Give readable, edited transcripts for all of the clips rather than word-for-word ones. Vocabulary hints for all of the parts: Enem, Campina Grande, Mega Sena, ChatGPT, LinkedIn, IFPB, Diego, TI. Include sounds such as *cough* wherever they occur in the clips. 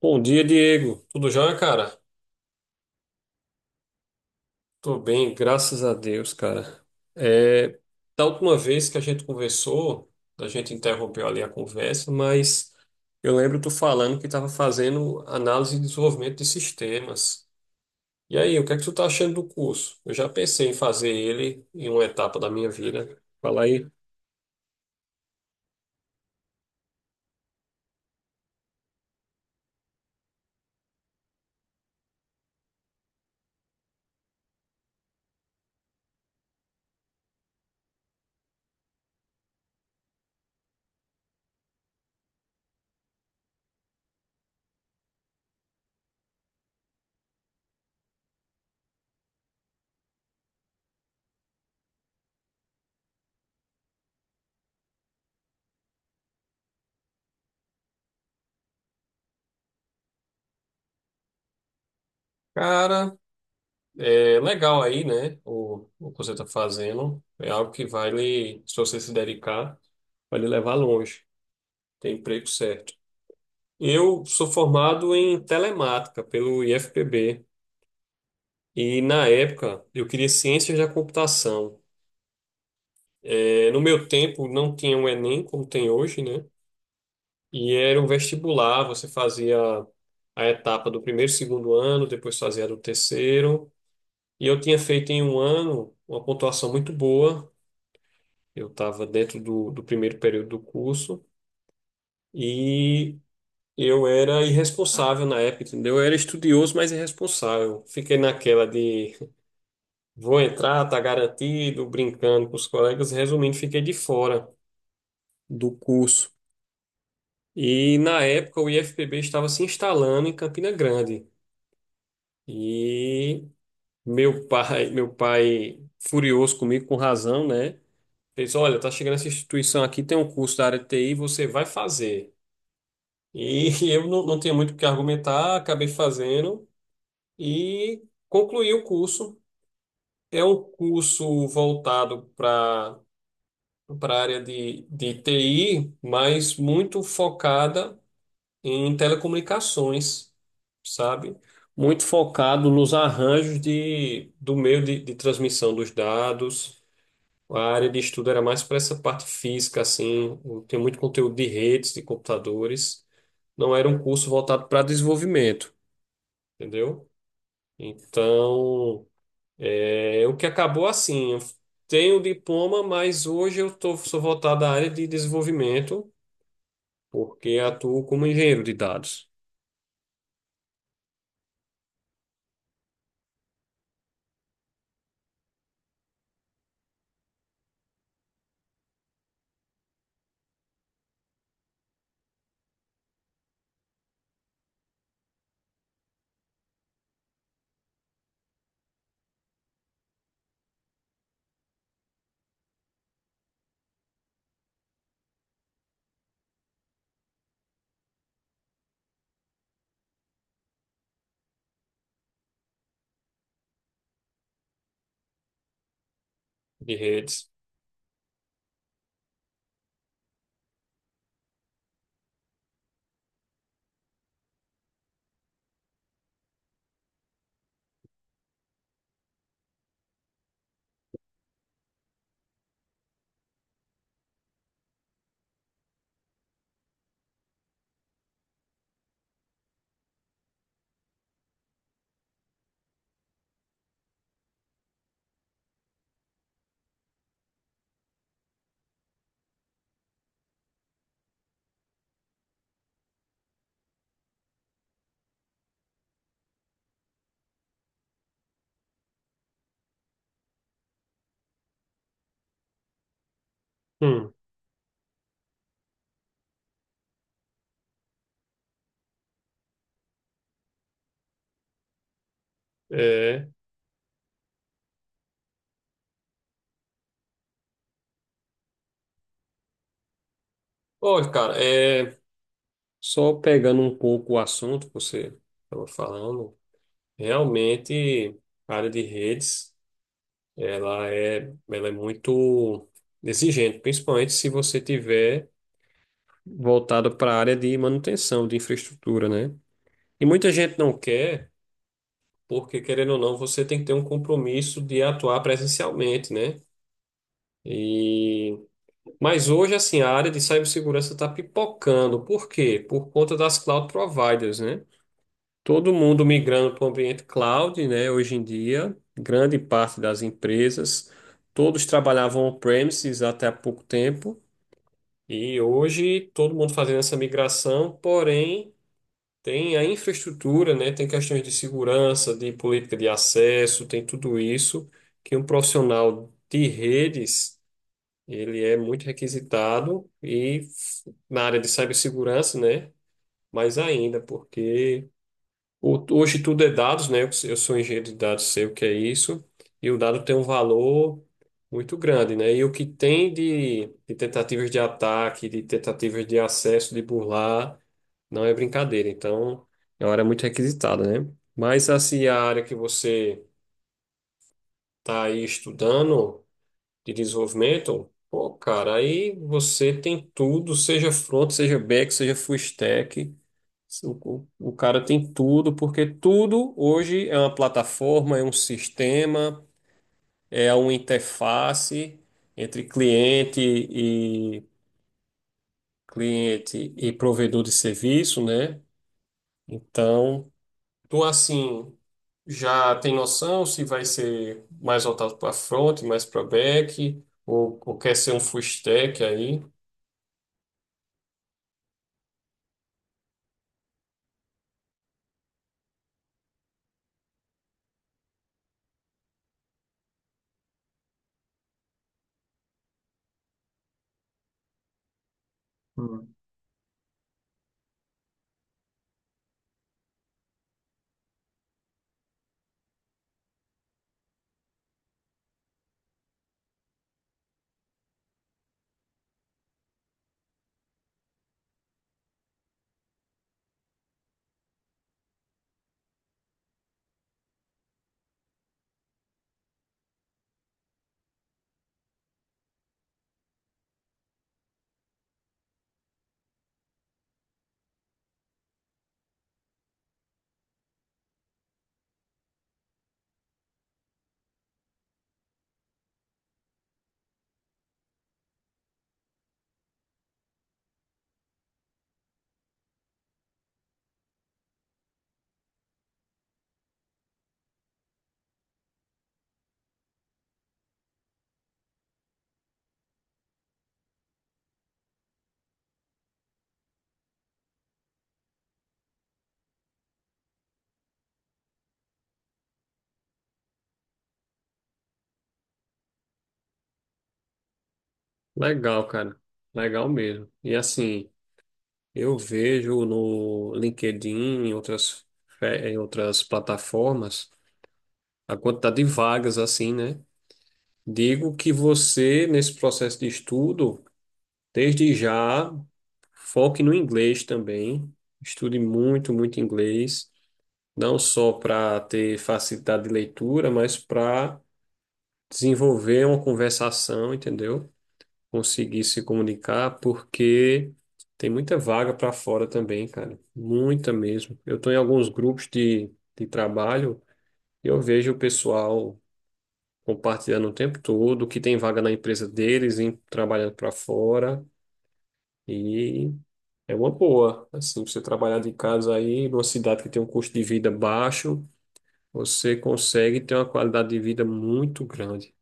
Bom dia, Diego. Tudo já, cara? Tô bem, graças a Deus, cara. É, da última vez que a gente conversou, a gente interrompeu ali a conversa, mas eu lembro tu falando que estava fazendo análise e desenvolvimento de sistemas. E aí, o que é que tu tá achando do curso? Eu já pensei em fazer ele em uma etapa da minha vida. Fala aí. Cara, é legal aí, né? O que você tá fazendo é algo que vai lhe, se você se dedicar, vai lhe levar longe. Tem emprego certo. Eu sou formado em telemática pelo IFPB. E na época eu queria ciências da computação. É, no meu tempo não tinha o Enem como tem hoje, né? E era um vestibular, você fazia a etapa do primeiro e segundo ano, depois fazia a do terceiro. E eu tinha feito em um ano uma pontuação muito boa. Eu estava dentro do primeiro período do curso. E eu era irresponsável na época, entendeu? Eu era estudioso, mas irresponsável. Fiquei naquela de vou entrar, tá garantido, brincando com os colegas. Resumindo, fiquei de fora do curso. E na época o IFPB estava se instalando em Campina Grande. E meu pai furioso comigo, com razão, né? Fez, olha, tá chegando essa instituição aqui, tem um curso da área de TI, você vai fazer. E *laughs* eu não, não tinha muito o que argumentar, acabei fazendo. E concluí o curso. É um curso voltado para a área de TI, mas muito focada em telecomunicações, sabe? Muito focado nos arranjos do meio de transmissão dos dados. A área de estudo era mais para essa parte física, assim, tem muito conteúdo de redes, de computadores. Não era um curso voltado para desenvolvimento, entendeu? Então, é, o que acabou assim, eu tenho o diploma, mas hoje sou voltado à área de desenvolvimento, porque atuo como engenheiro de dados, de redes. Hum, é. Olha, cara, é, só pegando um pouco o assunto que você estava falando, realmente a área de redes, ela é muito exigente, principalmente se você tiver voltado para a área de manutenção de infraestrutura, né? E muita gente não quer porque querendo ou não, você tem que ter um compromisso de atuar presencialmente, né? E mas hoje assim, a área de cibersegurança está pipocando. Por quê? Por conta das cloud providers, né? Todo mundo migrando para o ambiente cloud, né? Hoje em dia, grande parte das empresas, todos trabalhavam on-premises até há pouco tempo. E hoje todo mundo fazendo essa migração, porém tem a infraestrutura, né? Tem questões de segurança, de política de acesso, tem tudo isso que um profissional de redes, ele é muito requisitado e na área de cibersegurança, né? Mais ainda, porque hoje tudo é dados, né? Eu sou engenheiro de dados, sei o que é isso. E o dado tem um valor muito grande, né? E o que tem de tentativas de ataque, de tentativas de acesso, de burlar, não é brincadeira. Então, é uma área muito requisitada, né? Mas, assim, a área que você está aí estudando de desenvolvimento, pô, cara, aí você tem tudo, seja front, seja back, seja full stack. O cara tem tudo, porque tudo hoje é uma plataforma, é um sistema, é uma interface entre cliente e provedor de serviço, né? Então, tu assim já tem noção se vai ser mais voltado para front, mais para back, ou quer ser um full stack aí? Hum. Legal, cara. Legal mesmo. E assim. Eu vejo no LinkedIn, em outras, em outras plataformas, a quantidade de vagas assim, né? Digo que você, nesse processo de estudo, desde já, foque no inglês também. Estude muito, muito inglês, não só para ter facilidade de leitura, mas para desenvolver uma conversação, entendeu? Conseguir se comunicar, porque tem muita vaga para fora também, cara. Muita mesmo. Eu estou em alguns grupos de trabalho e eu vejo o pessoal compartilhando o tempo todo, que tem vaga na empresa deles, trabalhando para fora. E é uma boa. Assim, você trabalhar de casa aí, numa cidade que tem um custo de vida baixo, você consegue ter uma qualidade de vida muito grande.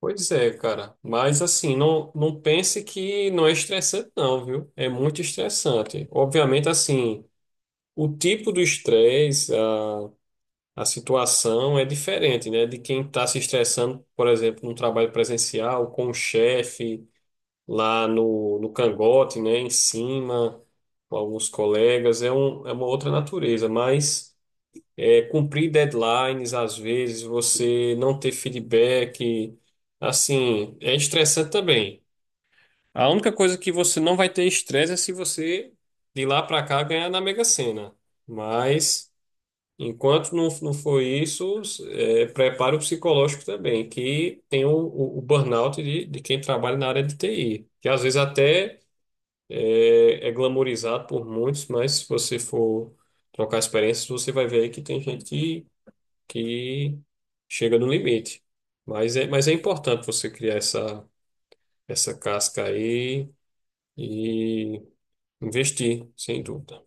Pois é, cara. Mas assim, não, não pense que não é estressante, não, viu? É muito estressante. Obviamente, assim, o tipo do estresse, a situação é diferente, né? De quem está se estressando, por exemplo, num trabalho presencial, com o chefe, lá no cangote, né? Em cima, com alguns colegas. É uma outra natureza, mas é, cumprir deadlines, às vezes, você não ter feedback, assim, é estressante também. A única coisa que você não vai ter estresse é se você, de lá para cá, ganhar na Mega Sena. Mas, enquanto não, não for isso, é, preparo psicológico também, que tem o burnout de quem trabalha na área de TI, que às vezes até é glamorizado por muitos, mas se você for trocar experiências, você vai ver aí que tem gente que chega no limite. Mas é importante você criar essa, casca aí e investir, sem dúvida.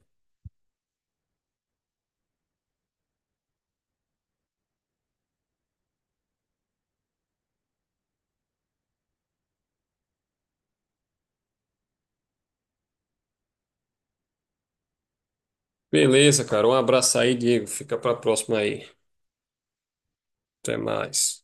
Beleza, cara. Um abraço aí, Diego. Fica para a próxima aí. Até mais.